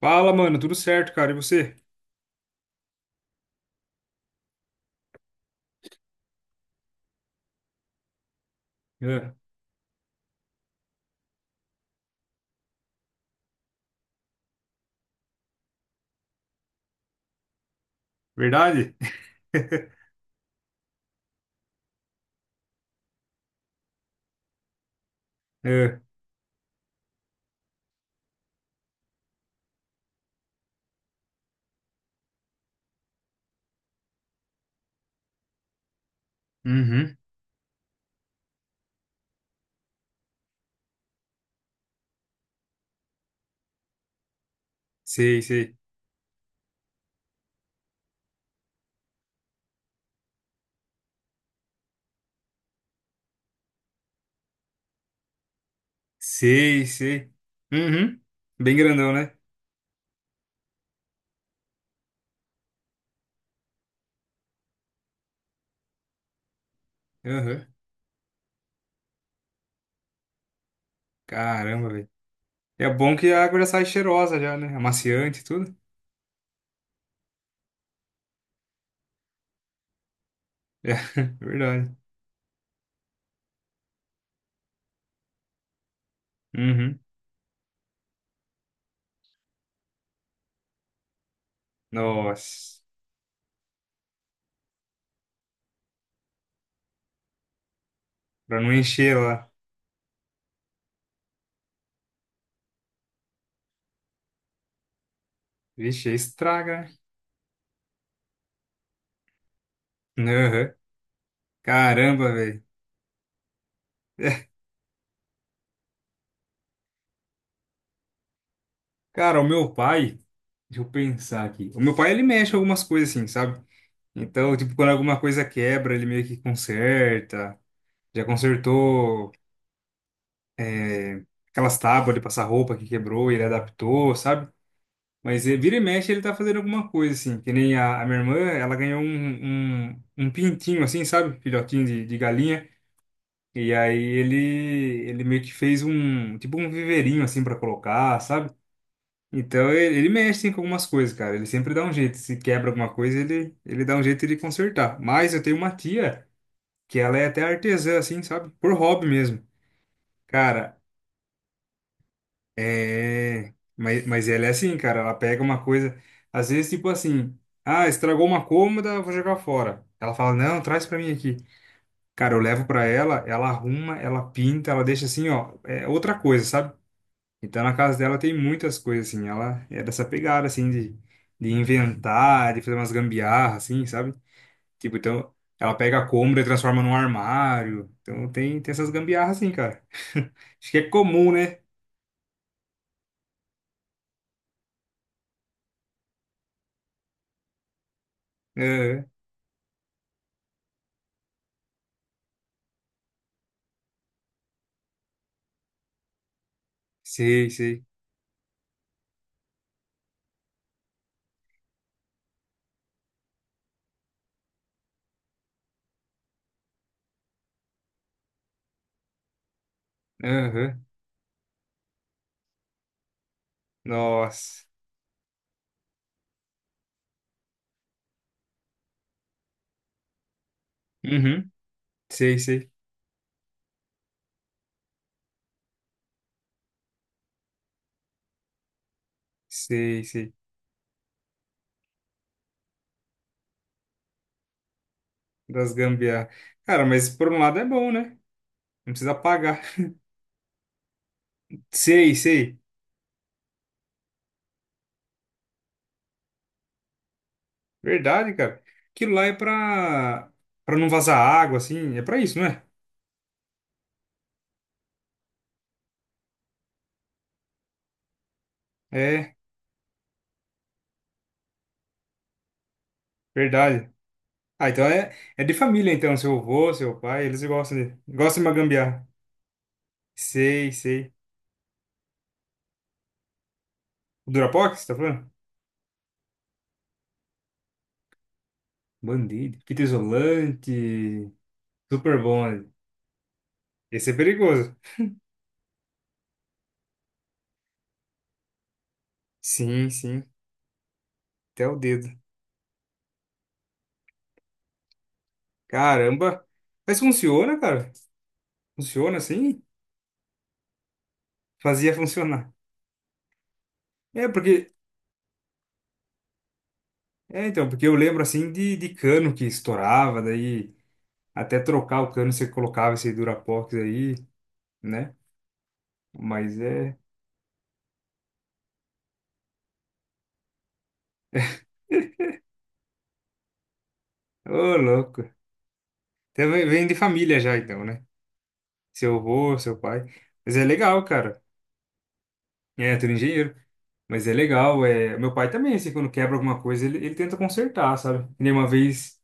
Fala, mano, tudo certo, cara, e você? É, verdade? É, uhum, sei, sei, sei, sei, uhum, bem grandão, né? Uhum. Caramba, velho. É bom que a água já sai cheirosa já, né? Amaciante e tudo. É, verdade. Uhum. Nossa, pra não encher lá. Vixe, aí estraga, né? Uhum. Caramba, velho. Cara, o meu pai, deixa eu pensar aqui, o meu pai, ele mexe com algumas coisas assim, sabe? Então, tipo, quando alguma coisa quebra, ele meio que conserta. Já consertou é, aquelas tábuas de passar roupa que quebrou, ele adaptou, sabe? Mas vira e mexe ele tá fazendo alguma coisa, assim. Que nem a minha irmã, ela ganhou um pintinho, assim, sabe? Filhotinho de galinha. E aí ele meio que fez um, tipo um viveirinho, assim, pra colocar, sabe? Então ele mexe, assim, com algumas coisas, cara. Ele sempre dá um jeito. Se quebra alguma coisa, ele dá um jeito de consertar. Mas eu tenho uma tia. Que ela é até artesã, assim, sabe? Por hobby mesmo. Cara, é. Mas ela é assim, cara, ela pega uma coisa. Às vezes, tipo assim, ah, estragou uma cômoda, vou jogar fora. Ela fala, não, traz pra mim aqui. Cara, eu levo pra ela, ela arruma, ela pinta, ela deixa assim, ó, é outra coisa, sabe? Então na casa dela tem muitas coisas, assim, ela é dessa pegada, assim, de inventar, de fazer umas gambiarras, assim, sabe? Tipo, então, ela pega a cômoda e transforma num armário. Então, tem, tem essas gambiarras assim, cara. Acho que é comum, né? Aham. Sei, sei. Aham. Nossa. Uhum. Sei, sei. Sei, sei. Das gambiarras. Cara, mas por um lado é bom, né? Não precisa pagar. Sei, sei. Verdade, cara. Aquilo lá é pra, pra não vazar água, assim. É pra isso, não é? É, verdade. Ah, então é, é de família, então. Seu avô, seu pai, eles gostam de uma gambiarra. Sei, sei. O Durapox, você tá falando? Band-Aid, fita isolante. Super bom, né? Esse é perigoso. Sim, sim. Até o dedo. Caramba. Mas funciona, cara? Funciona assim? Fazia funcionar. É, porque. É, então, porque eu lembro assim de cano que estourava, daí até trocar o cano você colocava esse Durapox aí, né? Mas é. Ô, louco. Até vem de família já, então, né? Seu avô, seu pai. Mas é legal, cara. É, tu é engenheiro. Mas é legal, é... Meu pai também, assim, quando quebra alguma coisa, ele tenta consertar, sabe? E nem uma vez...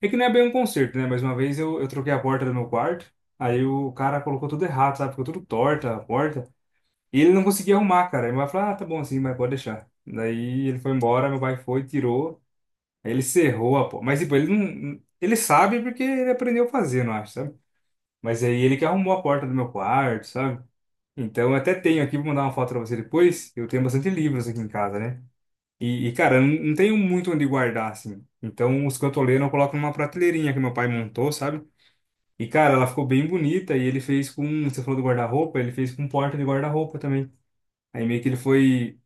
É que não é bem um conserto, né? Mas uma vez eu troquei a porta do meu quarto, aí o cara colocou tudo errado, sabe? Ficou tudo torta a porta, e ele não conseguia arrumar, cara. Aí meu pai falou, ah, tá bom assim, mas pode deixar. Daí ele foi embora, meu pai foi, tirou, aí ele cerrou a porta. Mas, tipo, ele não... Ele sabe porque ele aprendeu a fazer, não acho, sabe? Mas aí ele que arrumou a porta do meu quarto, sabe? Então, eu até tenho aqui, vou mandar uma foto pra você depois. Eu tenho bastante livros aqui em casa, né? Cara, eu não tenho muito onde guardar, assim. Então, os cantoleiros eu coloco numa prateleirinha que meu pai montou, sabe? E, cara, ela ficou bem bonita e ele fez com. Você falou do guarda-roupa, ele fez com porta de guarda-roupa também. Aí meio que ele foi.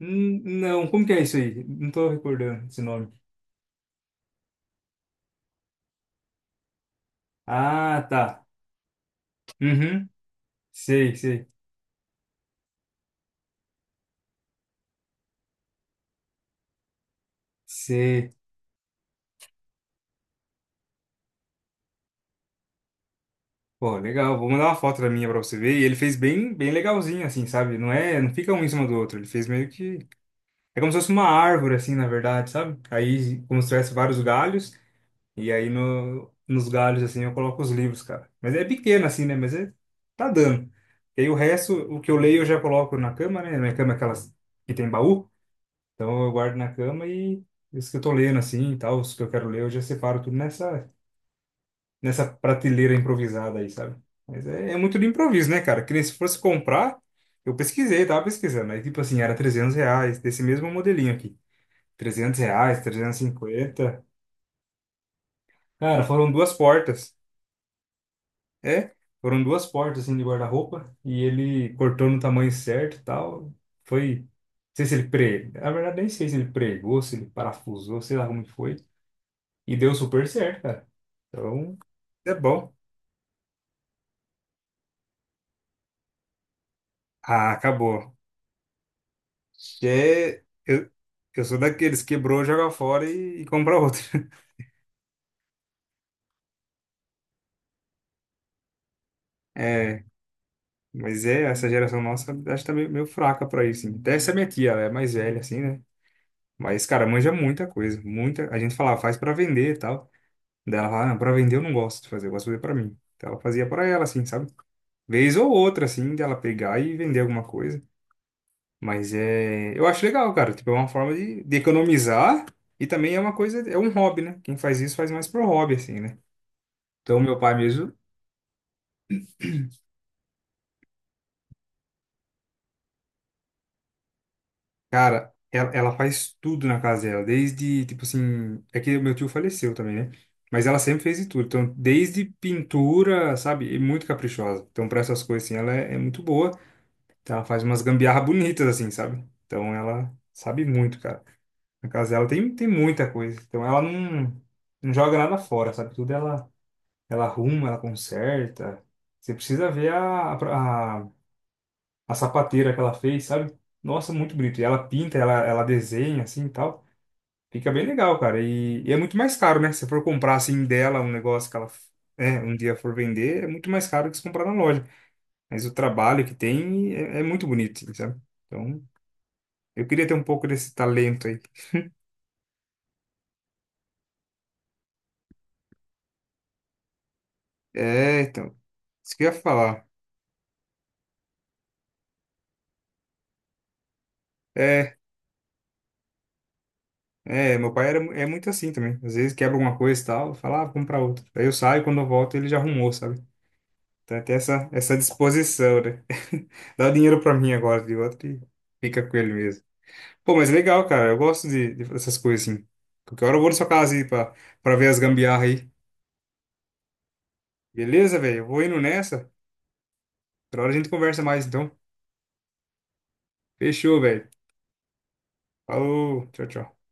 Não, como que é isso aí? Não tô recordando esse nome. Ah, tá. Uhum. Sei, sei, sei. Pô, legal. Vou mandar uma foto da minha pra você ver. E ele fez bem, bem legalzinho, assim, sabe? Não é, não fica um em cima do outro. Ele fez meio que é como se fosse uma árvore, assim, na verdade, sabe? Aí, como se tivesse vários galhos, e aí no, nos galhos, assim, eu coloco os livros, cara. Mas é pequeno, assim, né? Mas é, tá dando. E aí o resto, o que eu leio, eu já coloco na cama, né? Minha cama é aquelas que tem baú, então eu guardo na cama e os que eu tô lendo, assim, e tal, os que eu quero ler, eu já separo tudo nessa prateleira improvisada aí, sabe? Mas é, é muito do improviso, né, cara? Que nem se fosse comprar, eu pesquisei, tava pesquisando. Aí, tipo assim, era 300 reais, desse mesmo modelinho aqui, 300 reais, 350. Cara, foram duas portas. É, foram duas portas assim de guarda-roupa e ele cortou no tamanho certo e tal. Foi, não sei se ele pre, na verdade nem sei se ele pregou, se ele parafusou, sei lá como que foi. E deu super certo, cara. Então, é bom. Ah, acabou. É, eu sou daqueles quebrou, joga fora e compra outro. É, mas é, essa geração nossa acho que tá meio, meio fraca pra isso. Assim. Até essa minha tia, ela é mais velha, assim, né? Mas, cara, manja muita coisa, muita. A gente falava, faz pra vender e tal. Daí ela falava, não, pra vender eu não gosto de fazer, eu gosto de fazer pra mim. Então ela fazia pra ela, assim, sabe? Vez ou outra, assim, dela pegar e vender alguma coisa. Mas é. Eu acho legal, cara. Tipo, é uma forma de economizar e também é uma coisa, é um hobby, né? Quem faz isso faz mais pro hobby, assim, né? Então, meu pai mesmo cara, ela faz tudo na casa dela, desde, tipo assim, é que meu tio faleceu também, né? Mas ela sempre fez de tudo, então, desde pintura, sabe? E muito caprichosa. Então, para essas coisas, assim, ela é, é muito boa. Então, ela faz umas gambiarra bonitas, assim, sabe? Então, ela sabe muito, cara. Na casa dela tem, tem muita coisa. Então, ela não, não joga nada fora, sabe? Tudo ela, ela arruma, ela conserta. Você precisa ver a, a sapateira que ela fez, sabe? Nossa, muito bonito. E ela pinta, ela desenha assim e tal. Fica bem legal, cara. E é muito mais caro, né? Se você for comprar assim dela um negócio que ela, né, um dia for vender, é muito mais caro que se comprar na loja. Mas o trabalho que tem é, é muito bonito, assim, sabe? Então, eu queria ter um pouco desse talento aí. É, então, isso que eu ia falar. É, meu pai era, mu- é muito assim também. Às vezes quebra alguma coisa e tal, fala, ah, vou comprar outra. Aí eu saio, quando eu volto ele já arrumou, sabe? Então tem essa disposição, né? Dá o dinheiro pra mim agora de outro e fica com ele mesmo. Pô, mas legal, cara. Eu gosto de dessas coisas assim. Qualquer hora eu vou na sua casa aí pra, pra ver as gambiarra aí. Beleza, velho? Eu vou indo nessa. Outra hora a gente conversa mais, então. Fechou, velho. Falou. Tchau, tchau.